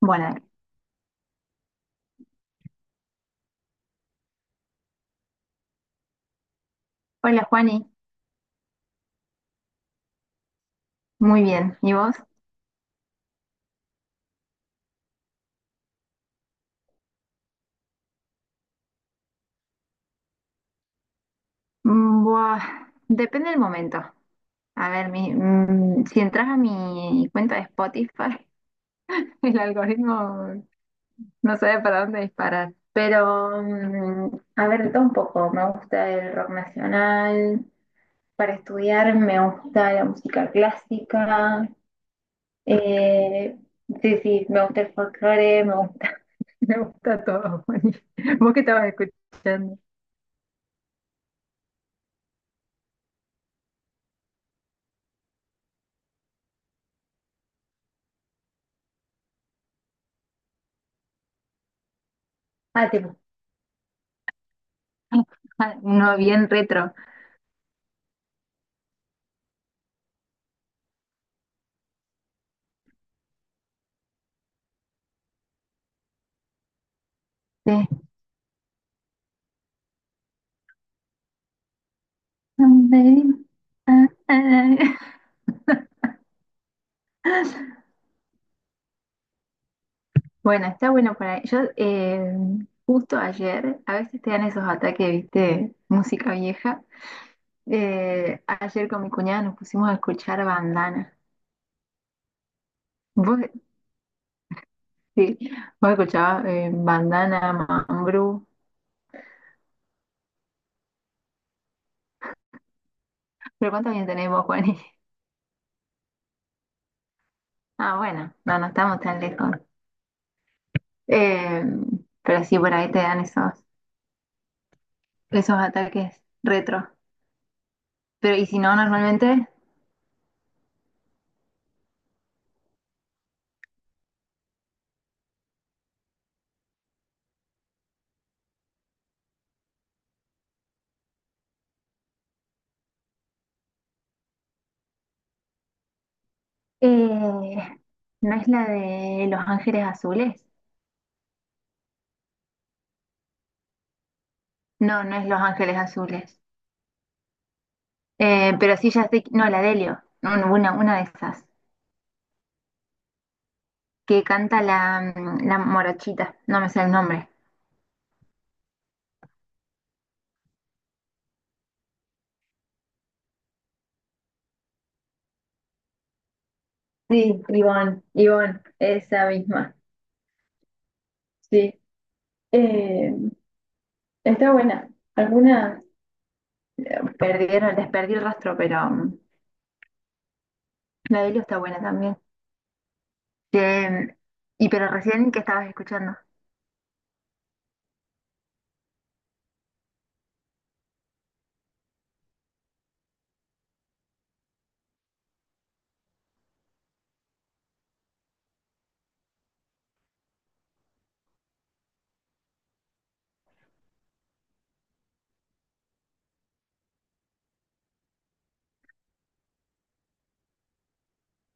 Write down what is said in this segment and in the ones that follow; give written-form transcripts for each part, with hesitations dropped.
Bueno, hola Juani, muy bien. ¿Y vos? Buah, depende del momento. A ver, si entras a mi cuenta de Spotify, el algoritmo no sabe para dónde disparar. Pero, a ver, de todo un poco. Me gusta el rock nacional, para estudiar me gusta la música clásica. eh, sí, sí, me gusta el folclore, me gusta, me gusta todo, Juani. ¿Vos qué estabas escuchando? Ah, te. Uno bien retro. Sí. Bueno, está bueno para yo justo ayer, a veces te dan esos ataques, viste, música vieja. Ayer con mi cuñada nos pusimos a escuchar bandana. Vos, sí, vos escuchabas bandana, Mambrú. Pero ¿cuántos años tenés vos, Juani? Ah, bueno, no, no estamos tan lejos. Eh, pero sí, por ahí te dan esos, esos ataques retro. Pero, ¿y si no, normalmente? Eh, no es la de Los Ángeles Azules. No, no es Los Ángeles Azules. Pero sí ya sé, que- no, la de Helio. Un- una de esas. Que canta la, la morochita. No me sé el nombre. Sí, Ivonne, Ivonne, esa misma. Sí. Eh, Está buena. Alguna perdieron, les perdí el rastro, pero la de Helio está buena también. Eh, y pero recién qué estabas escuchando.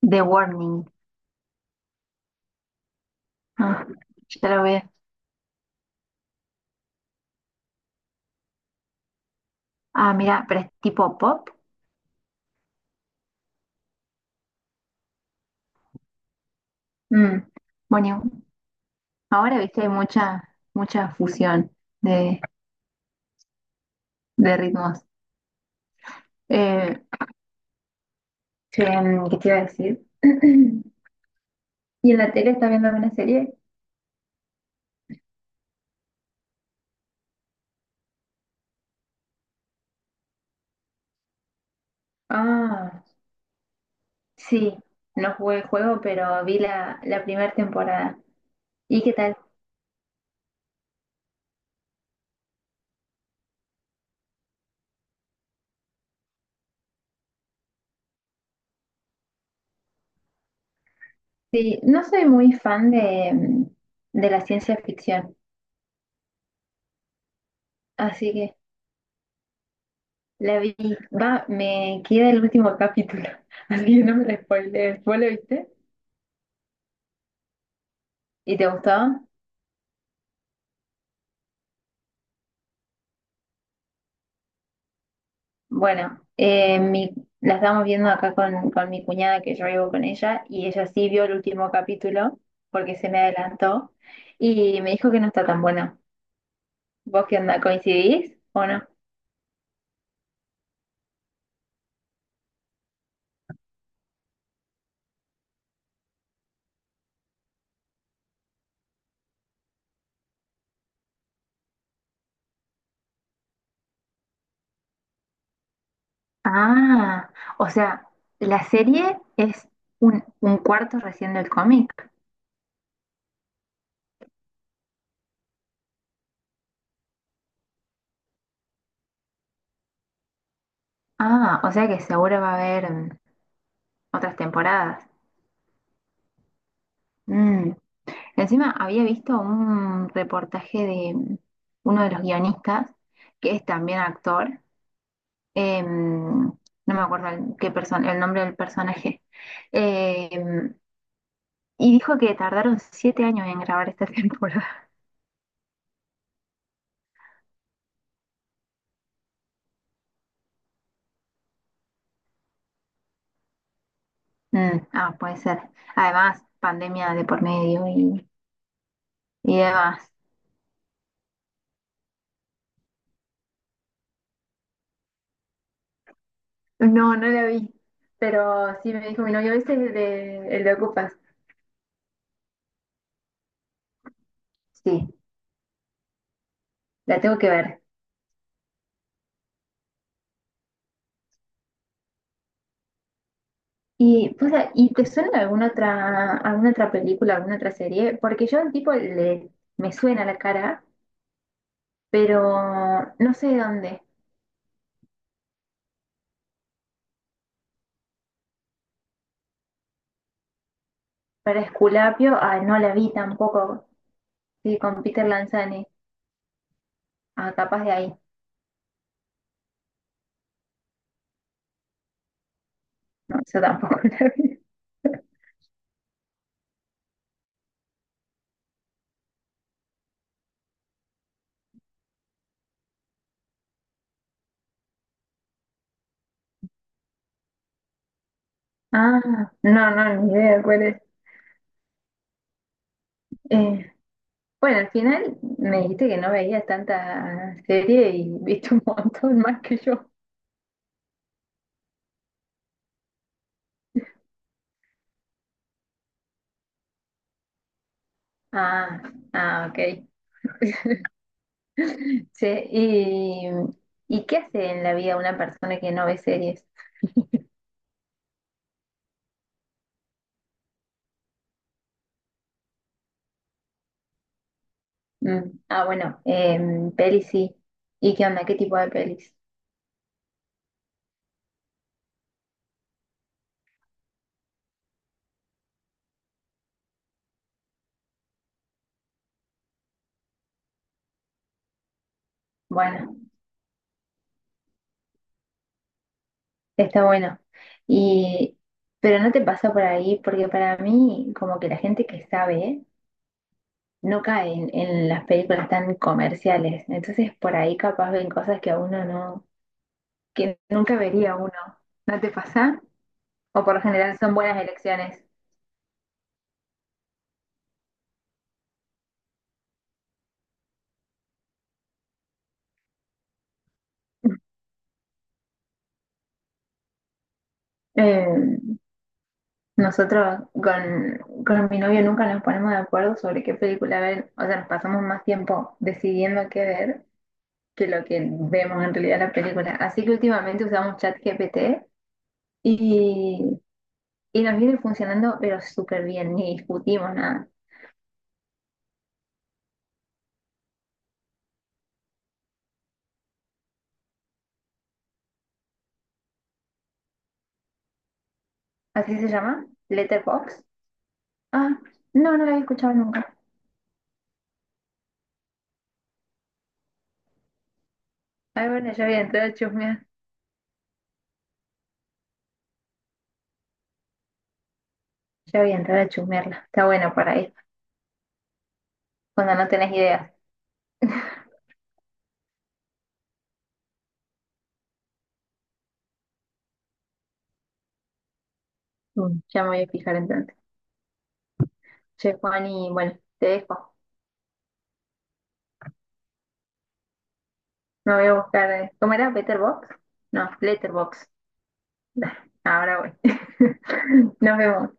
The Warning. Ah, ya lo veo. Ah, mira, pero es tipo pop. Mm. Bueno, ahora viste hay mucha, mucha fusión de, de ritmos. Eh, Che, ¿qué te iba a decir? ¿Y en la tele estás viendo alguna serie? Ah, sí, no jugué el juego, pero vi la, la primera temporada. ¿Y qué tal? Sí, no soy muy fan de, de la ciencia ficción, así que la vi. Va, me queda el último capítulo, así que no me la spoilees. ¿Vos lo viste? ¿Y te gustó? Bueno, la estamos viendo acá con mi cuñada que yo vivo con ella y ella sí vio el último capítulo porque se me adelantó y me dijo que no está tan buena. ¿Vos qué onda? ¿Coincidís o no? Ah, o sea, la serie es un cuarto recién del cómic. Ah, o sea que seguro va a haber otras temporadas. Mm. Encima había visto un reportaje de uno de los guionistas, que es también actor, no me acuerdo el, qué persona, el nombre del personaje, em, y dijo que tardaron 7 años en grabar esta temporada. Ah, puede ser. Además, pandemia de por medio y demás. No, no la vi, pero sí me dijo mi novio, ¿viste el de Ocupas? Sí, la tengo que ver. Y, pues, ¿y te suena alguna otra película, alguna otra serie? Porque yo al tipo le, me suena la cara, pero no sé de dónde. Para Esculapio, ah, no la vi tampoco. Sí, con Peter Lanzani. Ah, capaz de ahí. No, yo tampoco la vi. Ah, no, no, ni idea cuál es. Eh, bueno, al final me dijiste que no veías tanta serie y viste un montón más que yo. Ah, ah, ok. Sí, ¿y qué hace en la vida una persona que no ve series? Mm, ah, bueno, pelis sí. ¿Y qué onda? ¿Qué tipo de pelis? Bueno. Está bueno. Y, pero no te pasa por ahí, porque para mí, como que la gente que sabe, no cae en las películas tan comerciales. Entonces, por ahí capaz ven cosas que a uno no, que nunca vería uno. ¿No te pasa? O por lo general son buenas elecciones. Eh, Nosotros con mi novio nunca nos ponemos de acuerdo sobre qué película ver. O sea, nos pasamos más tiempo decidiendo qué ver que lo que vemos en realidad en la película. Así que últimamente usamos ChatGPT. Y, y nos viene funcionando, pero súper bien, ni discutimos nada. ¿Así se llama? ¿Letterbox? Ah, no, no la había escuchado nunca. Ay, bueno, ya voy a entrar a chusmear. Ya voy a entrar a chusmearla. Está bueno para ir, cuando no tenés ideas. Mm, ya me voy a fijar entonces. Che, Juan, y bueno, te dejo. Me voy a buscar. ¿Cómo era? ¿Letterbox? No, Letterbox. Ahora voy. Nos vemos.